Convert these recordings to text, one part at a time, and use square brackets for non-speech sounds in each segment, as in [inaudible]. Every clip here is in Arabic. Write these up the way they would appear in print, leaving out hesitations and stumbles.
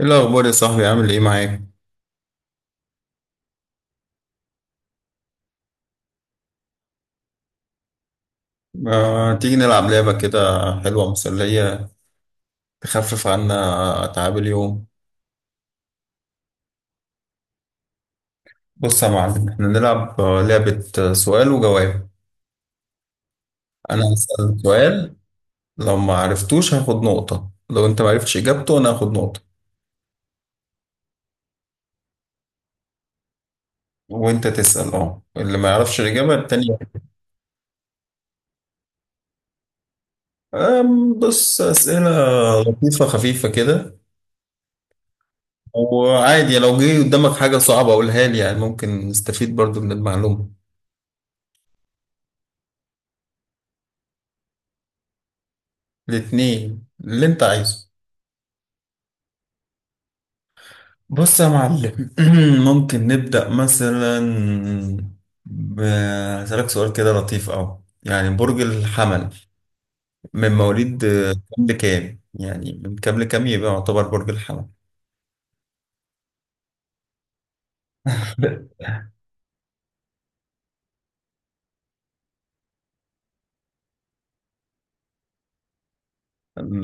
ايه الاخبار يا صاحبي؟ عامل ايه معاك؟ آه، تيجي نلعب لعبه كده؟ حلوه مسليه، تخفف عنا اتعاب اليوم. بص يا معلم، احنا نلعب لعبه سؤال وجواب. انا هسأل سؤال. لو ما عرفتوش هاخد نقطه. لو انت ما عرفتش اجابته انا هاخد نقطه. وانت تسأل، اللي ما يعرفش الاجابه التاني. بص، اسئله لطيفه خفيفه كده. وعادي لو جه قدامك حاجه صعبه قولها لي، يعني ممكن نستفيد برضو من المعلومه. الاتنين اللي انت عايزه. بص يا معلم، [clears throat] ممكن نبدأ مثلا ب- هسألك سؤال كده لطيف أوي، يعني برج الحمل من مواليد كام لكام؟ يعني من كام لكام يبقى يعتبر برج الحمل؟ [laughs]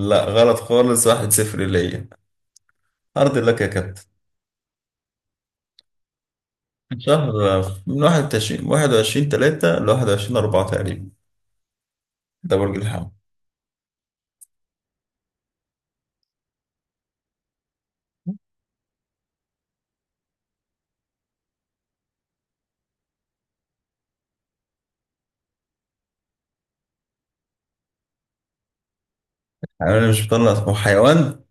لا، غلط خالص. 1-0 ليا. أرض لك يا كابتن. شهر. من واحد وعشرين تلاتة لواحد وعشرين أربعة تقريبا. ده برج الحمل. يعني أنا مش بطلع؟ هو حيوان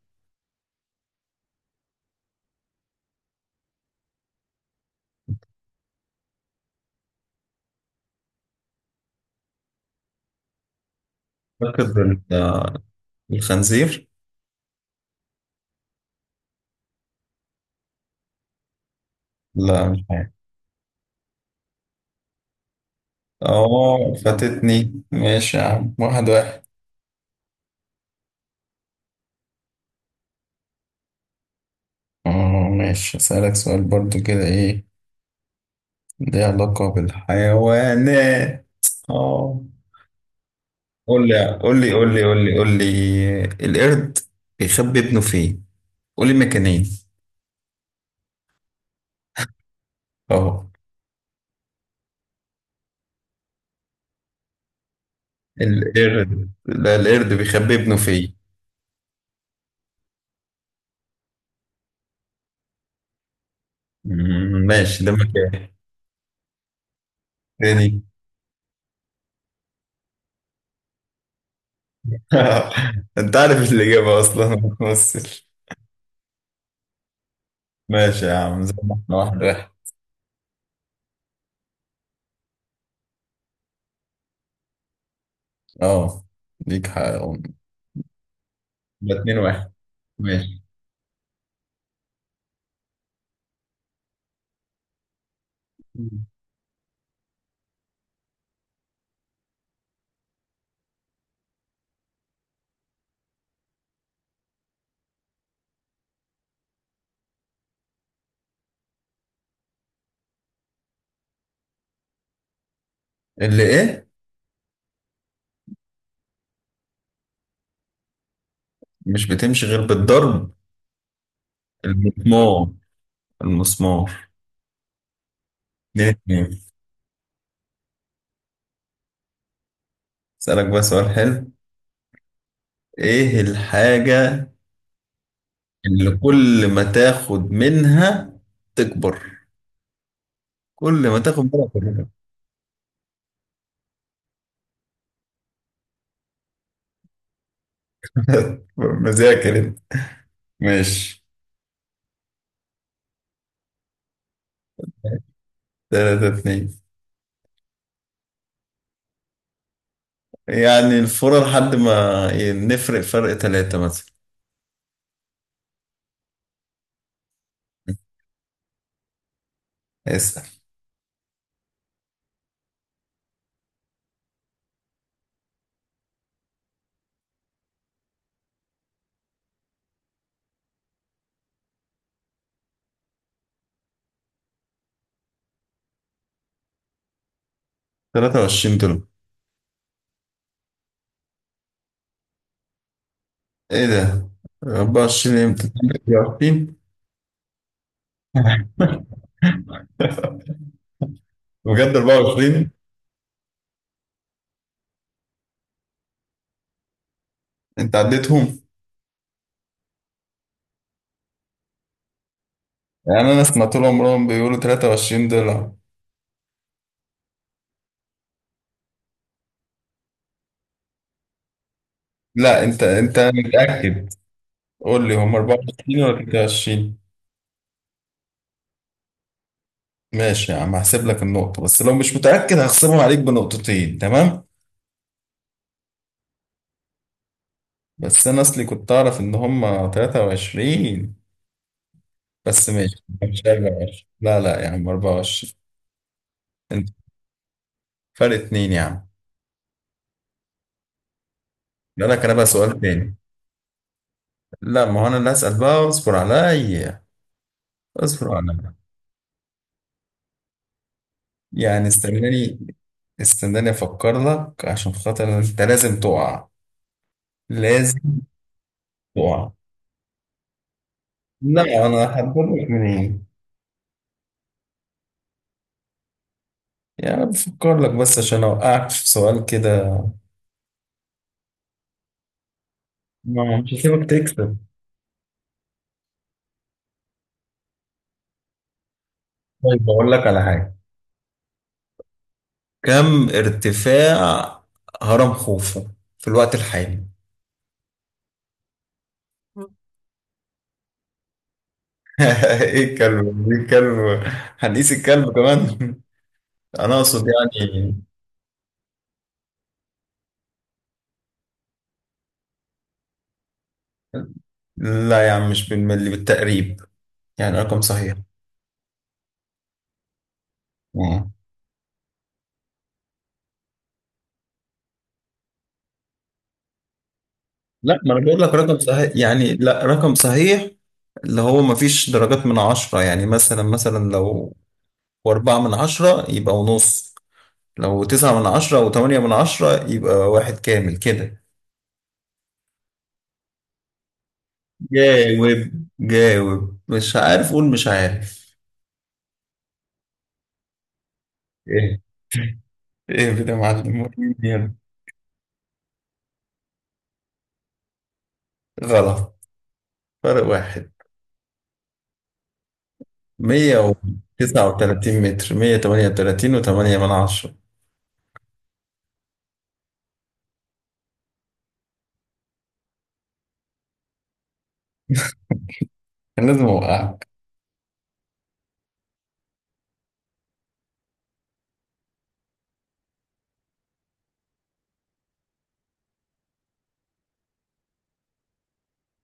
فاقد. الخنزير. لا. اه، فاتتني. ماشي يا عم، 1-1. اه، ماشي. اسألك سؤال برضو كده ايه، ليه علاقة بالحيوانات. اه قول لي قول لي قول لي قول لي قول لي، القرد بيخبي ابنه فين؟ قول لي مكانين. اه. القرد لا، القرد بيخبي ابنه فين. مم، ماشي، ده مكان. تاني. [laughs] انت عارف الإجابة أصلا، ما بتمثل. ماشي يا عم، زي ما احنا، واحد واحد. اه، ليك حق. ده 2-1. ماشي. اللي ايه مش بتمشي غير بالضرب؟ المسمار. المسمار. 2-2. اسألك بقى سؤال حلو. ايه الحاجة اللي كل ما تاخد منها تكبر؟ كل ما تاخد منها تكبر. [laughs] مذاكر انت. ماشي. 3-2. يعني الفورة لحد ما نفرق فرق تلاتة مثلا. اسأل. 23 دول. ايه ده؟ 24؟ امتى 23؟ بجد 24؟ انت عديتهم. يعني انا سمعت لهم راهم بيقولوا 23 دولار. لا، انت متأكد؟ قول لي، هم 24 ولا 23؟ ماشي يا عم، هحسب لك النقطة. بس لو مش متأكد هخصمهم عليك بنقطتين، تمام؟ بس انا اصلي كنت اعرف ان هم 23. بس ماشي، مش 24؟ لا لا يا عم، 24. انت فرق اتنين يا عم. لا، لك انا بقى سؤال تاني. لا، ما هو انا اللي هسأل بقى. اصبر عليا، اصبر عليا. يعني استناني، استناني افكر لك عشان خاطر انت لازم تقع، لازم تقع. لا، انا هقول لك منين. يعني بفكر لك بس عشان اوقعك في سؤال كده. ما مش هسيبك تكسب. طيب، اقول لك على حاجه. كم ارتفاع هرم خوفو في الوقت الحالي؟ [laughs] ايه الكلب؟ ايه الكلب؟ هنقيس الكلب كمان؟ [laughs] انا اقصد يعني. لا يا عم، مش بالملي، بالتقريب. يعني رقم صحيح. لا، ما انا بقول لك رقم صحيح. يعني لا، رقم صحيح. اللي هو ما فيش درجات من 10. يعني مثلا لو 4/10 يبقى ونص. لو 9/10 أو 8/10 يبقى واحد كامل كده. جاوب جاوب. مش عارف قول مش عارف. ايه ايه كده يا معلم، وريني يلا. غلط. فرق واحد. 139 متر. 138.8. كان لازم أوقعك.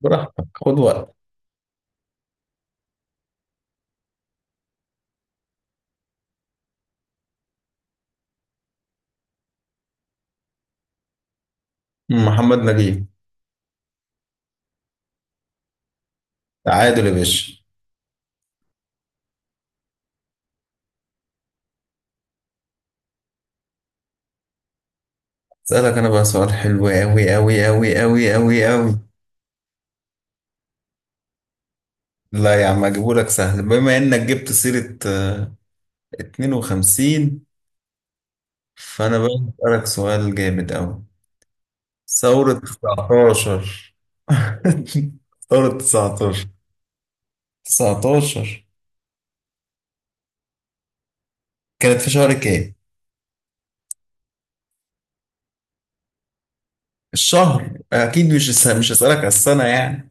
براحتك، خد وقت. محمد نجيب. تعادل يا باشا. اسألك انا بقى سؤال حلو، أوي أوي أوي أوي أوي أوي. لا يا عم، اجيبهولك سهل. بما انك جبت سيرة 52، فانا بقى اسألك سؤال جامد أوي. ثورة 19. [laughs] ثورة 19. 19 كانت في شهر كام؟ الشهر اكيد، مش هسألك على السنة يعني.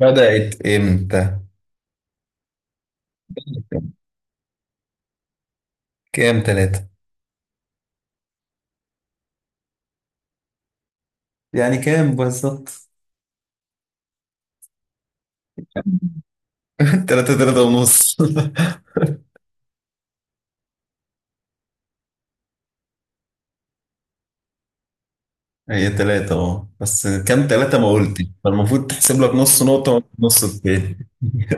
بدأت امتى؟ كام تلاتة؟ يعني كام بالظبط؟ [laughs] تلاتة تلاتة ونص. [laughs] هي تلاتة، اه، بس كام تلاتة ما قلت. فالمفروض تحسب لك نص نقطة ونص التاني. [laughs]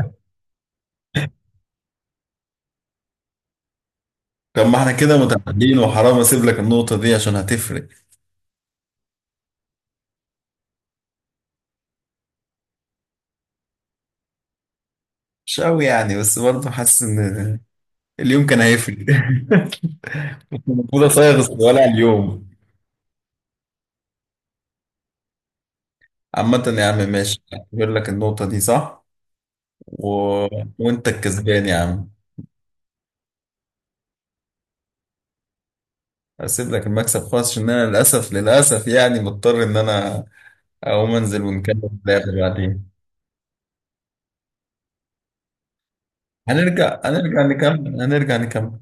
طب ما احنا كده متعادلين، وحرام اسيب لك النقطة دي عشان هتفرق. مش قوي يعني، بس برضه حاسس ان اليوم كان هيفرق. [laughs] المفروض اصيغ السؤال على اليوم. عامة يا عم، ماشي، اعتبر لك النقطة دي صح و... وانت الكسبان يا عم. هسيب لك المكسب خالص، عشان انا للاسف للاسف يعني مضطر ان انا اقوم انزل ونكمل اللعبة بعدين. هنرجع، هنرجع نكمل، هنرجع نكمل.